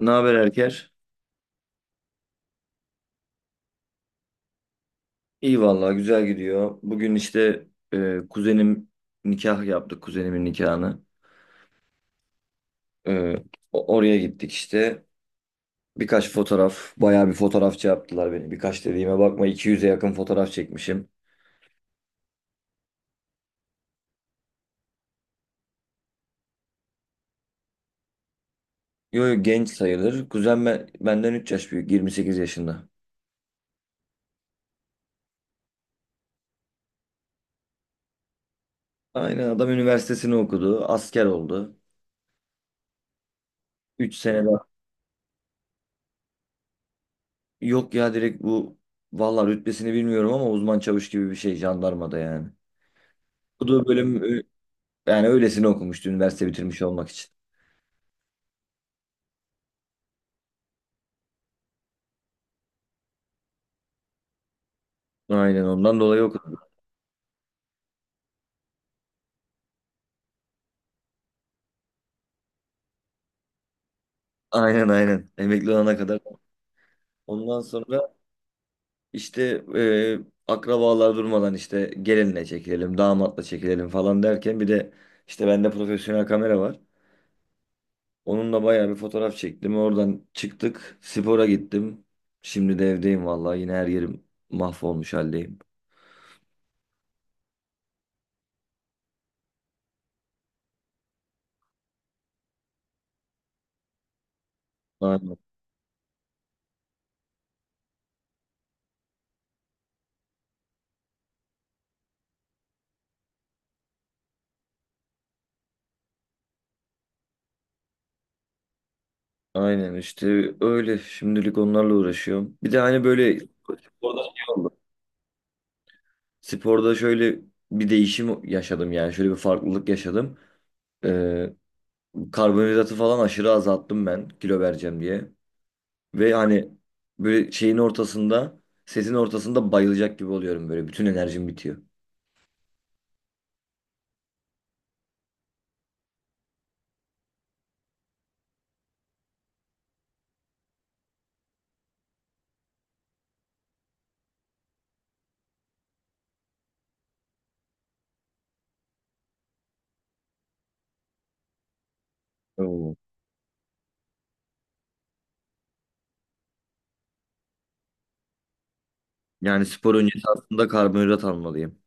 Ne haber Erker? İyi vallahi güzel gidiyor. Bugün işte kuzenim nikah yaptık kuzenimin nikahını. E, Oraya gittik işte. Birkaç fotoğraf, bayağı bir fotoğrafçı yaptılar beni. Birkaç dediğime bakma 200'e yakın fotoğraf çekmişim. Yo, yo, genç sayılır. Kuzen benden 3 yaş büyük, 28 yaşında. Aynen adam üniversitesini okudu, asker oldu. 3 sene daha. Yok ya direkt bu vallahi rütbesini bilmiyorum ama uzman çavuş gibi bir şey jandarmada yani. Bu da bölüm Yani öylesine okumuştu üniversite bitirmiş olmak için. Aynen ondan dolayı okudum. Aynen aynen. Emekli olana kadar. Ondan sonra işte akrabalar durmadan işte gelinle çekilelim, damatla çekilelim falan derken bir de işte bende profesyonel kamera var. Onunla bayağı bir fotoğraf çektim. Oradan çıktık, spora gittim. Şimdi de evdeyim vallahi yine her yerim mahvolmuş haldeyim. Aynen. Aynen işte öyle. Şimdilik onlarla uğraşıyorum. Bir de hani böyle orada şey oldu. Sporda şöyle bir değişim yaşadım yani şöyle bir farklılık yaşadım. Ee, karbonhidratı falan aşırı azalttım ben kilo vereceğim diye. Ve hani böyle şeyin ortasında sesin ortasında bayılacak gibi oluyorum böyle bütün enerjim bitiyor. Oo. Yani spor öncesi aslında karbonhidrat almalıyım.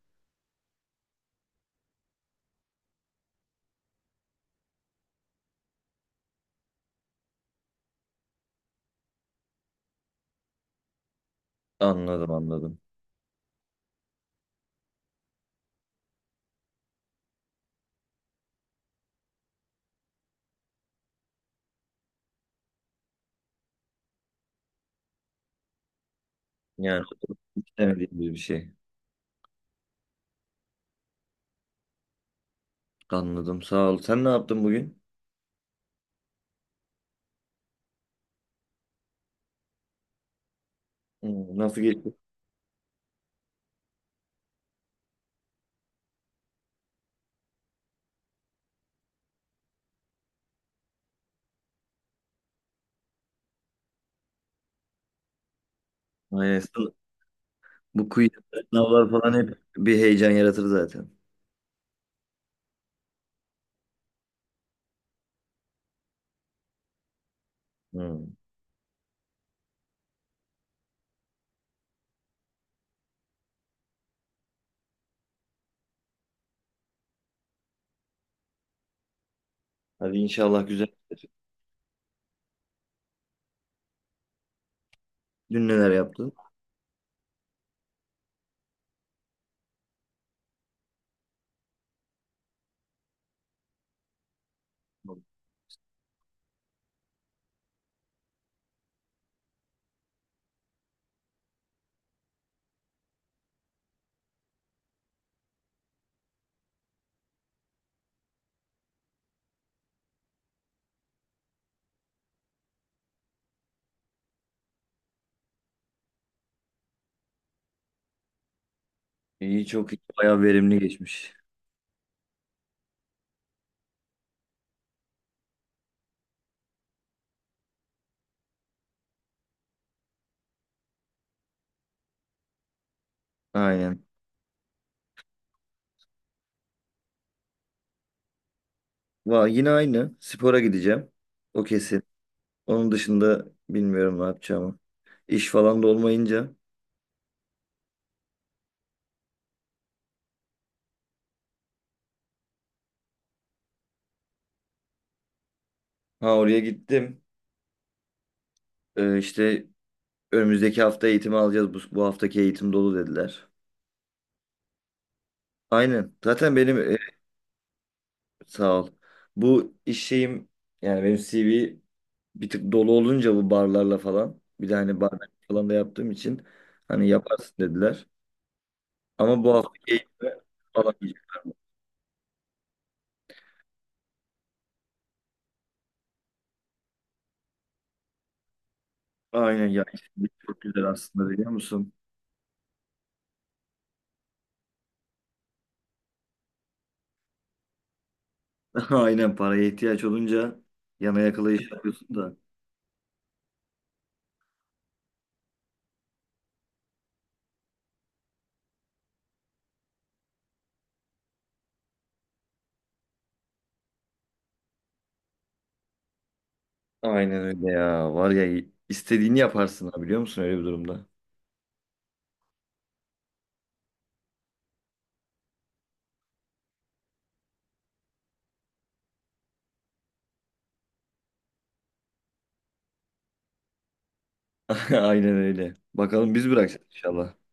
Anladım anladım. Yani istemediğim bir şey. Anladım sağ ol. Sen ne yaptın bugün? Hmm, nasıl geçti? Aynen. Bu quiz Sınavlar falan hep bir heyecan yaratır zaten. Hmm. Hadi inşallah güzel. Dün neler yaptın? İyi çok iyi. Bayağı verimli geçmiş. Aynen. Yine aynı. Spora gideceğim. O kesin. Onun dışında bilmiyorum ne yapacağımı. İş falan da olmayınca. Ha oraya gittim. İşte önümüzdeki hafta eğitimi alacağız. Bu haftaki eğitim dolu dediler. Aynen. Sağ ol. Bu iş şeyim yani benim CV bir tık dolu olunca bu barlarla falan. Bir de hani barman falan da yaptığım için hani yaparsın dediler. Ama bu hafta keyifle alamayacağım. Aynen ya. İşsizlik çok güzel aslında biliyor musun? Aynen paraya ihtiyaç olunca yana yakıla iş yapıyorsun da. Aynen öyle ya. Var ya istediğini yaparsın ha biliyor musun öyle bir durumda? Aynen öyle. Bakalım biz bırakacağız inşallah.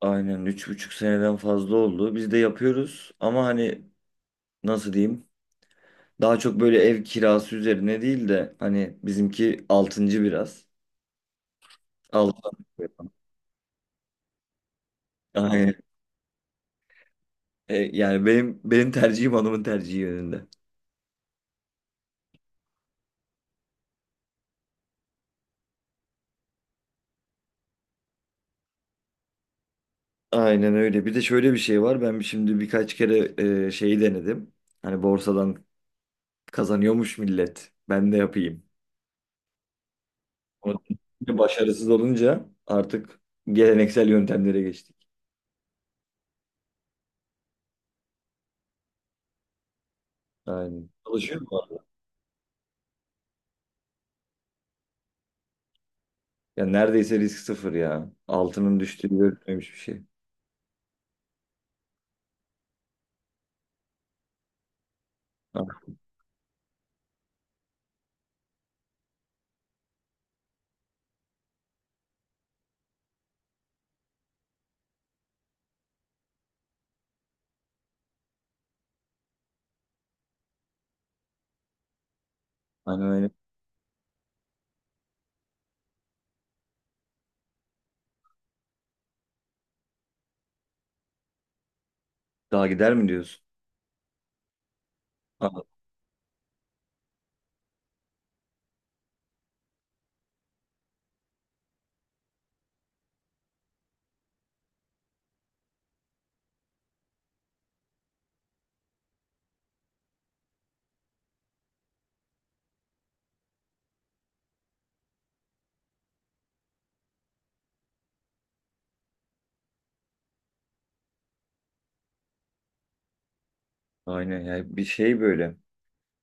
Aynen 3,5 seneden fazla oldu. Biz de yapıyoruz ama hani nasıl diyeyim? Daha çok böyle ev kirası üzerine değil de hani bizimki altıncı biraz. Altı. Aynen. Yani benim tercihim hanımın tercihi yönünde. Aynen öyle. Bir de şöyle bir şey var. Ben şimdi birkaç kere şeyi denedim. Hani borsadan kazanıyormuş millet. Ben de yapayım. Ama başarısız olunca artık geleneksel yöntemlere geçtik. Aynen. Çalışıyor mu abi? Ya neredeyse risk sıfır ya. Altının düştüğü görülmemiş bir şey. Ah. Aynen öyle. Daha gider mi diyorsun? Ah. Aynen. Yani bir şey böyle.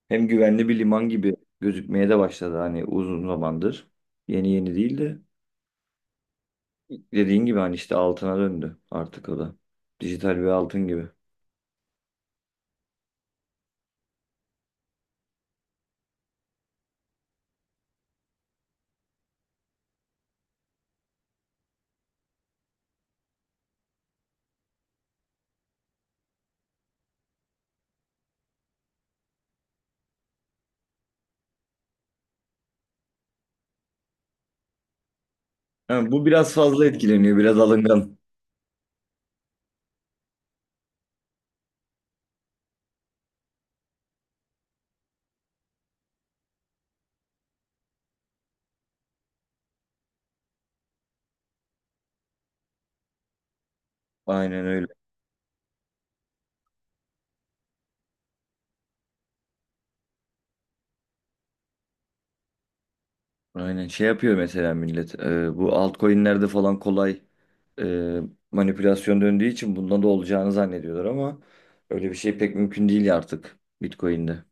Hem güvenli bir liman gibi gözükmeye de başladı hani uzun zamandır. Yeni yeni değil de dediğin gibi hani işte altına döndü artık o da. Dijital bir altın gibi. Ha, bu biraz fazla etkileniyor, biraz alıngan. Aynen öyle. Aynen şey yapıyor mesela millet. Bu altcoin'lerde falan kolay e, manipülasyon döndüğü için bundan da olacağını zannediyorlar ama öyle bir şey pek mümkün değil artık Bitcoin'de.